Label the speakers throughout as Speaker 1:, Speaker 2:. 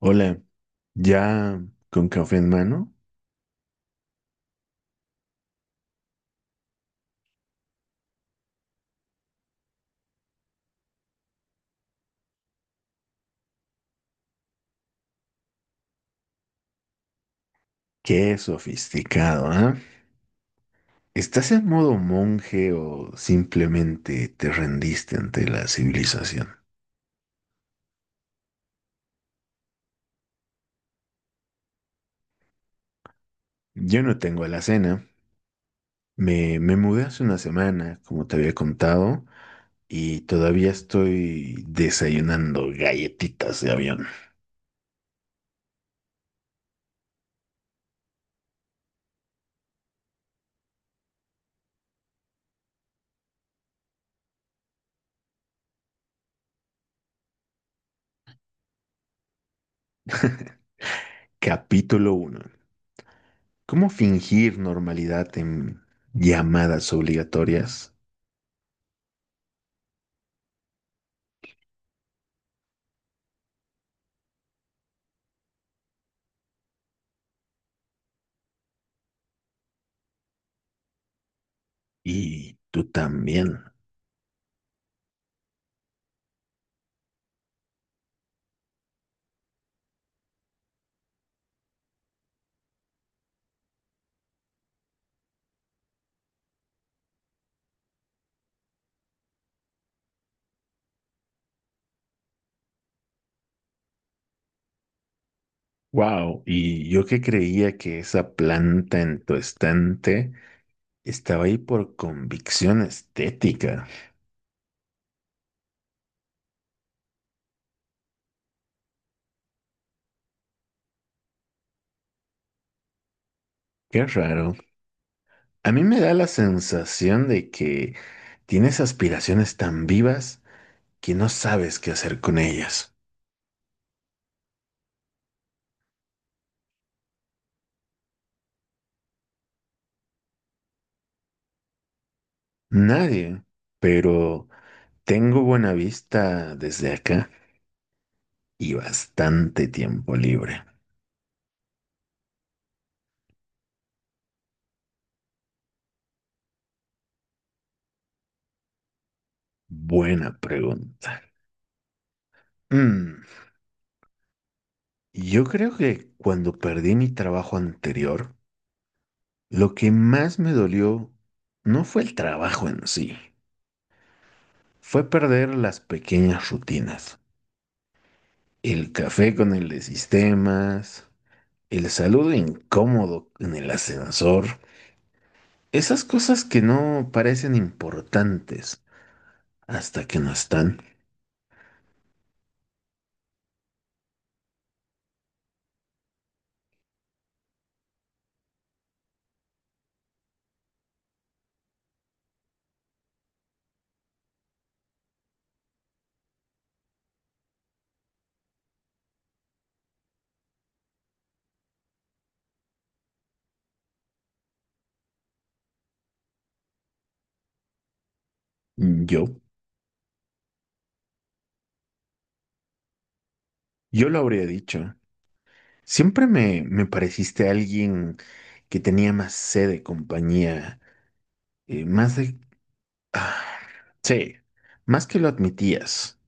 Speaker 1: Hola, ya con café en mano. Qué sofisticado, ¿ah? ¿Estás en modo monje o simplemente te rendiste ante la civilización? Yo no tengo alacena. Me mudé hace una semana, como te había contado, y todavía estoy desayunando galletitas de avión. Capítulo 1: ¿cómo fingir normalidad en llamadas obligatorias? Y tú también. Wow, y yo que creía que esa planta en tu estante estaba ahí por convicción estética. Qué raro. A mí me da la sensación de que tienes aspiraciones tan vivas que no sabes qué hacer con ellas. Nadie, pero tengo buena vista desde acá y bastante tiempo libre. Buena pregunta. Mm, yo creo que cuando perdí mi trabajo anterior, lo que más me dolió no fue el trabajo en sí, fue perder las pequeñas rutinas. El café con el de sistemas, el saludo incómodo en el ascensor, esas cosas que no parecen importantes hasta que no están. Yo, yo lo habría dicho. Siempre me pareciste alguien que tenía más sed de compañía, más de... ah, sí, más que lo admitías.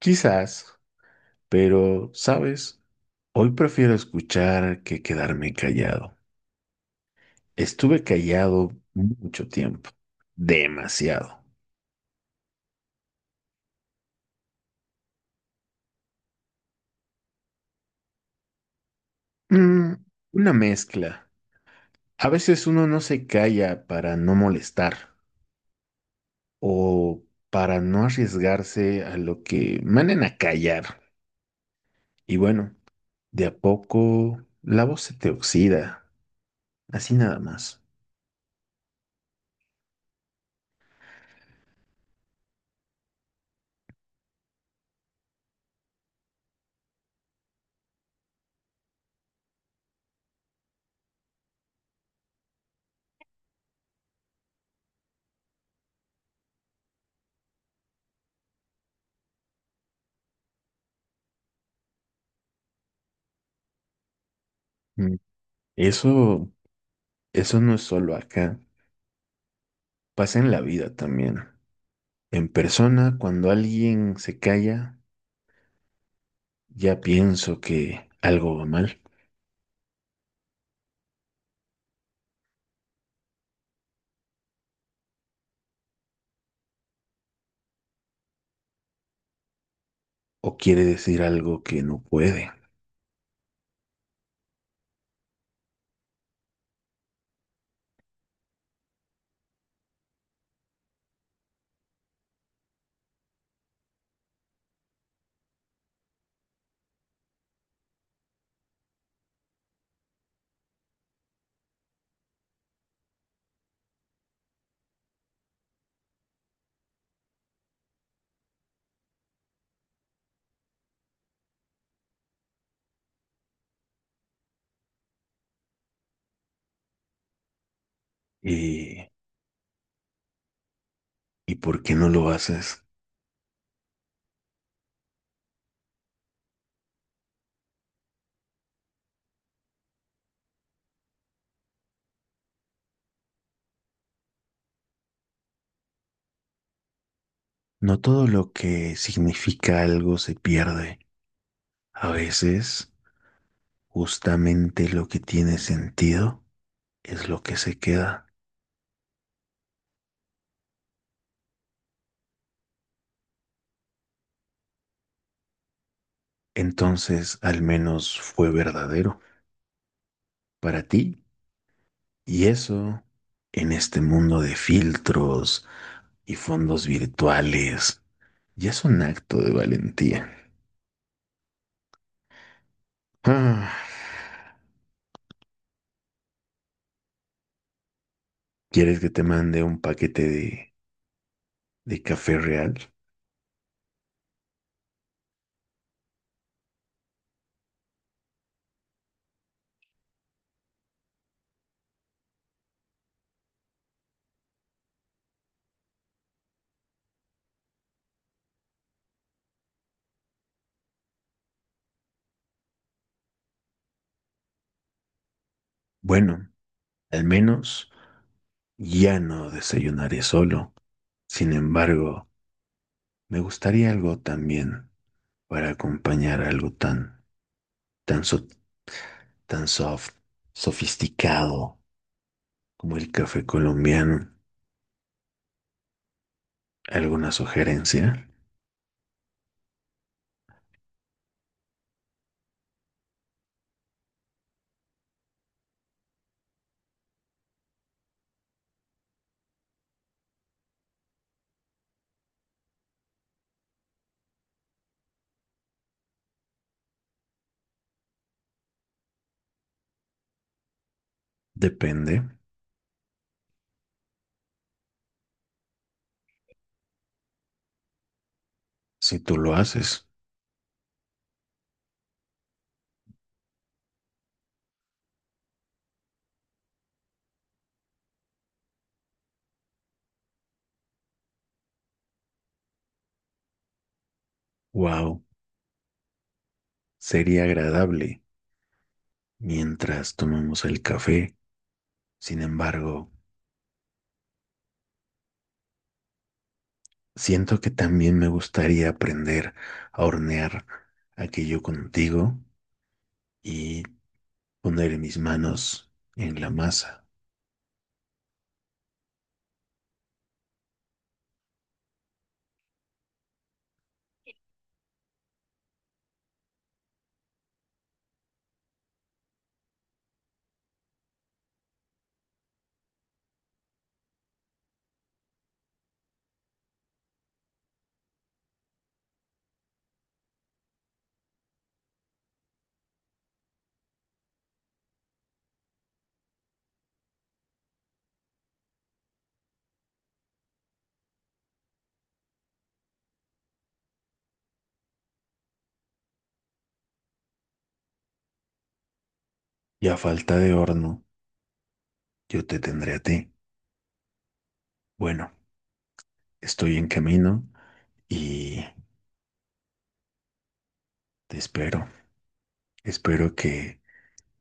Speaker 1: Quizás, pero, ¿sabes? Hoy prefiero escuchar que quedarme callado. Estuve callado mucho tiempo, demasiado. Mm, una mezcla. A veces uno no se calla para no molestar o para no arriesgarse a lo que manden a callar. Y bueno, de a poco la voz se te oxida, así nada más. Mm, Eso, eso no es solo acá, pasa en la vida también. En persona, cuando alguien se calla, ya pienso que algo va mal o quiere decir algo que no puede. ¿Y, ¿Y por qué no lo haces? No todo lo que significa algo se pierde. A veces, justamente lo que tiene sentido es lo que se queda. Entonces, al menos fue verdadero para ti. Y eso, en este mundo de filtros y fondos virtuales, ya es un acto de valentía. Ah, ¿Quieres que te mande un paquete de café real? Bueno, al menos ya no desayunaré solo. Sin embargo, me gustaría algo también para acompañar algo tan, tan, so- tan soft, sofisticado como el café colombiano. ¿Alguna sugerencia? Depende. Si tú lo haces, wow, sería agradable mientras tomamos el café. Sin embargo, siento que también me gustaría aprender a hornear aquello contigo y poner mis manos en la masa. Y a falta de horno, yo te tendré a ti. Bueno, estoy en camino y te espero. Espero que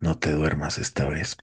Speaker 1: no te duermas esta vez.